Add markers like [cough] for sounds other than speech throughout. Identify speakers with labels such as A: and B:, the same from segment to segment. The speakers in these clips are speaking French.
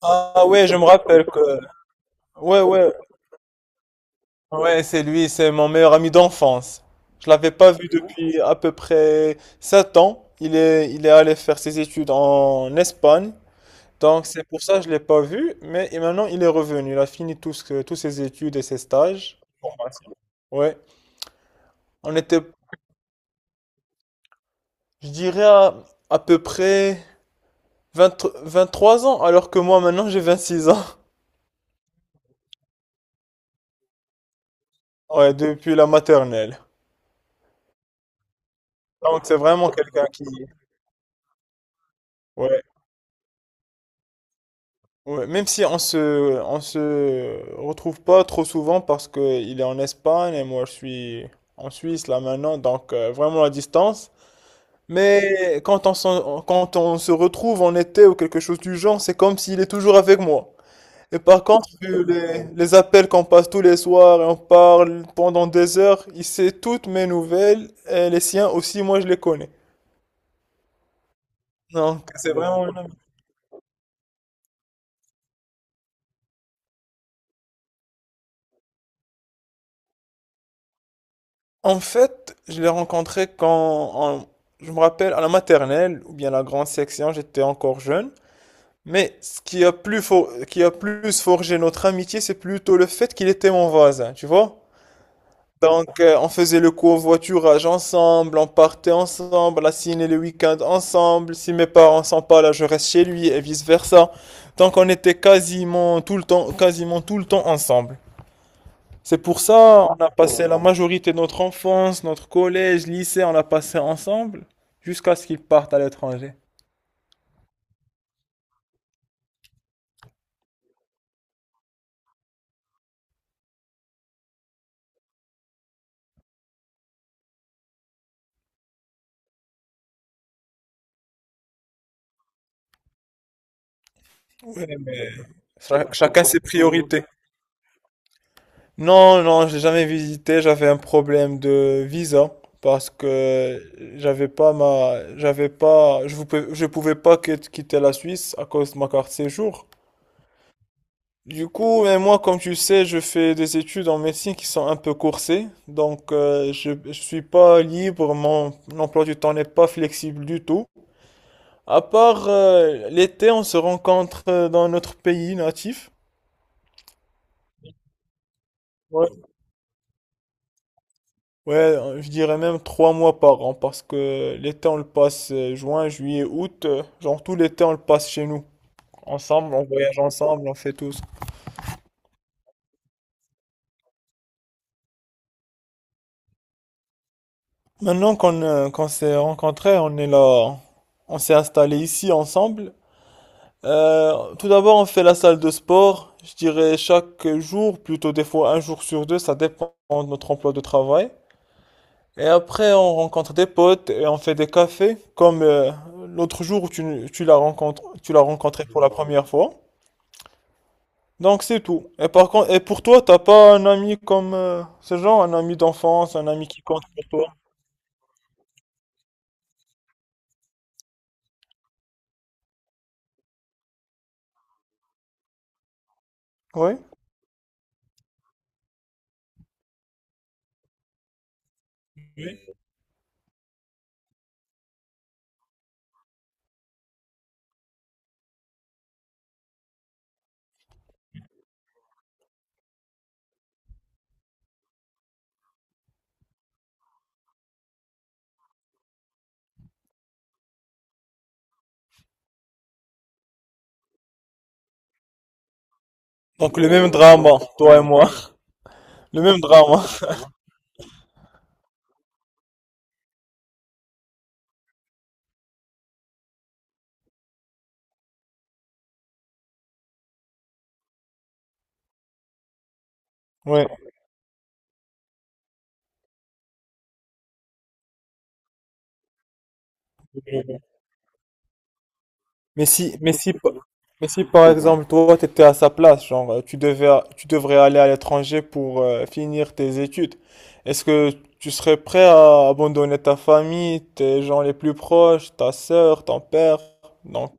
A: Ah ouais, je me rappelle que. Ouais, ouais, ouais, c'est lui, c'est mon meilleur ami d'enfance. Je l'avais pas vu depuis à peu près 7 ans. Il est allé faire ses études en Espagne. Donc c'est pour ça que je l'ai pas vu. Mais et maintenant, il est revenu. Il a fini tous ses études et ses stages. Ouais. On était, je dirais, à peu près vingt 23 ans, alors que moi, maintenant, j'ai 26 ans. Ouais, depuis la maternelle. Donc c'est vraiment quelqu'un qui. Ouais. Ouais, même si on se retrouve pas trop souvent parce que il est en Espagne et moi je suis en Suisse là maintenant, donc vraiment à distance. Mais quand on se retrouve en été ou quelque chose du genre, c'est comme s'il est toujours avec moi. Et par contre, vu les appels qu'on passe tous les soirs et on parle pendant des heures, il sait toutes mes nouvelles et les siens aussi, moi je les connais. Donc c'est vraiment une En fait, je l'ai rencontré en- je me rappelle, à la maternelle ou bien la grande section, j'étais encore jeune. Mais ce qui a plus, forgé notre amitié, c'est plutôt le fait qu'il était mon voisin, tu vois? Donc, on faisait le covoiturage ensemble, on partait ensemble, la ciné le week-end ensemble. Si mes parents sont pas là, je reste chez lui et vice-versa. Donc, on était quasiment tout le temps, quasiment tout le temps ensemble. C'est pour ça, on a passé la majorité de notre enfance, notre collège, lycée, on l'a passé ensemble, jusqu'à ce qu'ils partent à l'étranger. Ouais, mais chacun ses priorités. Non, non, j'ai jamais visité. J'avais un problème de visa parce que j'avais pas ma, j'avais pas, je vous, pouvais- je pouvais pas quitter la Suisse à cause de ma carte séjour. Du coup, mais moi, comme tu sais, je fais des études en médecine qui sont un peu coursées, donc je suis pas libre, mon emploi du temps n'est pas flexible du tout. À part l'été, on se rencontre dans notre pays natif. Ouais. Ouais, je dirais même 3 mois par an, parce que l'été, on le passe juin, juillet, août, genre tout l'été, on le passe chez nous. Ensemble, on voyage ensemble, on fait tous. Maintenant qu'on s'est rencontrés, on est là, on s'est installés ici ensemble. Tout d'abord, on fait la salle de sport, je dirais chaque jour, plutôt des fois un jour sur deux, ça dépend de notre emploi de travail. Et après, on rencontre des potes et on fait des cafés, comme l'autre jour où tu l'as rencontré pour la première fois. Donc c'est tout. Et par contre, et pour toi, t'as pas un ami comme ce genre, un ami d'enfance, un ami qui compte pour toi? Oui. Donc le même drama, toi et moi, [laughs] le même drama. Oui. Mais si, mais si, pa- mais si par exemple toi tu étais à sa place, genre tu devrais aller à l'étranger pour finir tes études, est-ce que tu serais prêt à abandonner ta famille, tes gens les plus proches, ta sœur, ton père? Donc,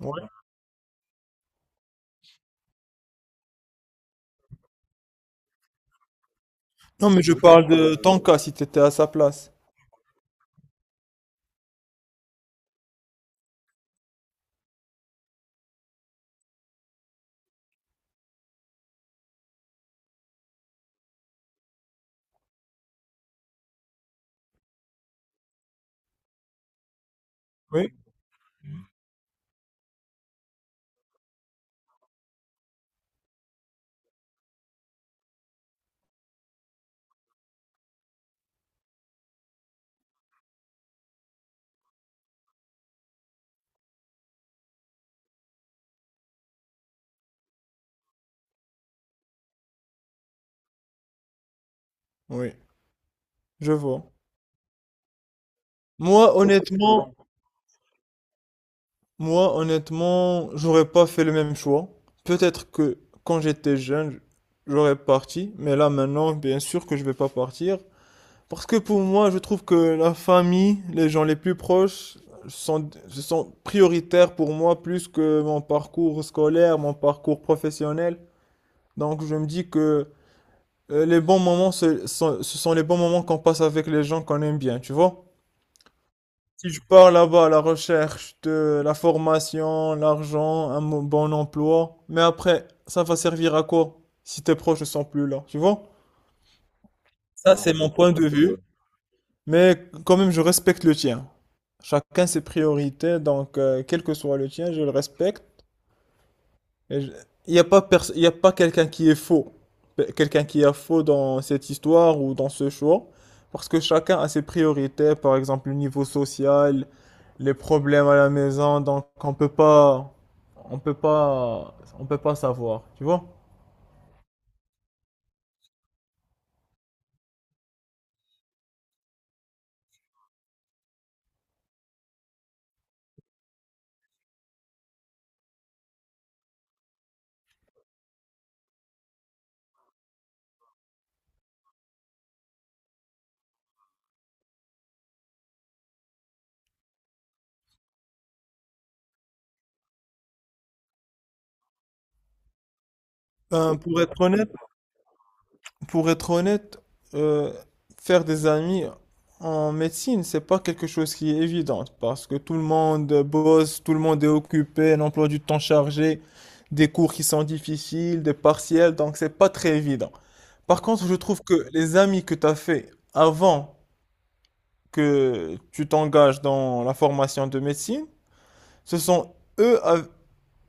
A: ouais. Non, mais je parle de ton cas si tu étais à sa place. Oui. Oui. Je vois. Moi, honnêtement, Moi, honnêtement, j'aurais pas fait le même choix. Peut-être que quand j'étais jeune, j'aurais parti, mais là maintenant, bien sûr que je vais pas partir. Parce que pour moi, je trouve que la famille, les gens les plus proches, sont prioritaires pour moi plus que mon parcours scolaire, mon parcours professionnel. Donc je me dis que les bons moments, ce sont les bons moments qu'on passe avec les gens qu'on aime bien, tu vois? Si je pars là-bas à la recherche de la formation, l'argent, bon emploi, mais après, ça va servir à quoi si tes proches ne sont plus là, tu vois? Ça, c'est mon point de vue, mais quand même, je respecte le tien. Chacun ses priorités, donc quel que soit le tien, je le respecte. Et je- il y a pas quelqu'un qui est faux, quelqu'un qui est faux dans cette histoire ou dans ce choix, parce que chacun a ses priorités, par exemple le niveau social, les problèmes à la maison, donc on peut pas, on peut pas savoir, tu vois? Ben, pour être honnête, Pour être honnête, euh, faire des amis en médecine, c'est pas quelque chose qui est évident parce que tout le monde bosse, tout le monde est occupé, un emploi du temps chargé, des cours qui sont difficiles, des partiels, donc c'est pas très évident. Par contre, je trouve que les amis que tu as fait avant que tu t'engages dans la formation de médecine, ce sont eux, av-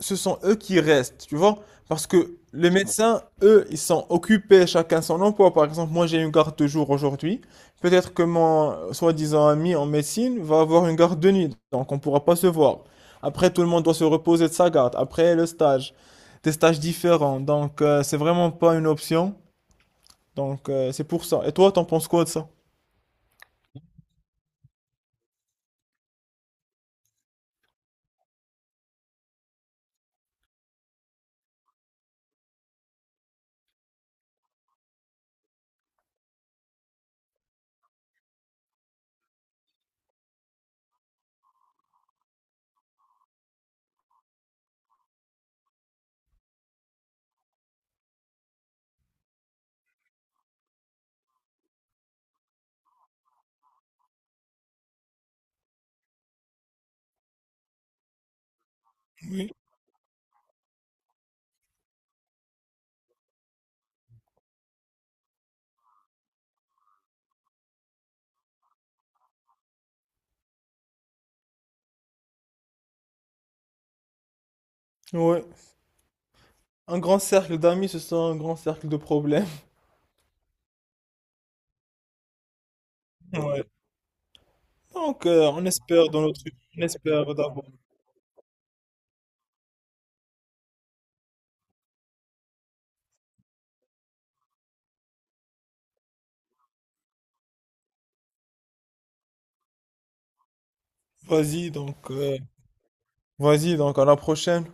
A: ce sont eux qui restent, tu vois? Parce que les médecins, eux, ils sont occupés, chacun son emploi. Par exemple, moi, j'ai une garde de jour aujourd'hui. Peut-être que mon soi-disant ami en médecine va avoir une garde de nuit, donc on ne pourra pas se voir. Après, tout le monde doit se reposer de sa garde. Après, le stage, des stages différents. Donc, c'est vraiment pas une option. Donc, c'est pour ça. Et toi, t'en penses quoi de ça? Ouais. Un grand cercle d'amis, ce sont un grand cercle de problèmes. [laughs] Ouais. Donc, on espère d'avoir. Vas-y donc, euh, Vas-y donc à la prochaine.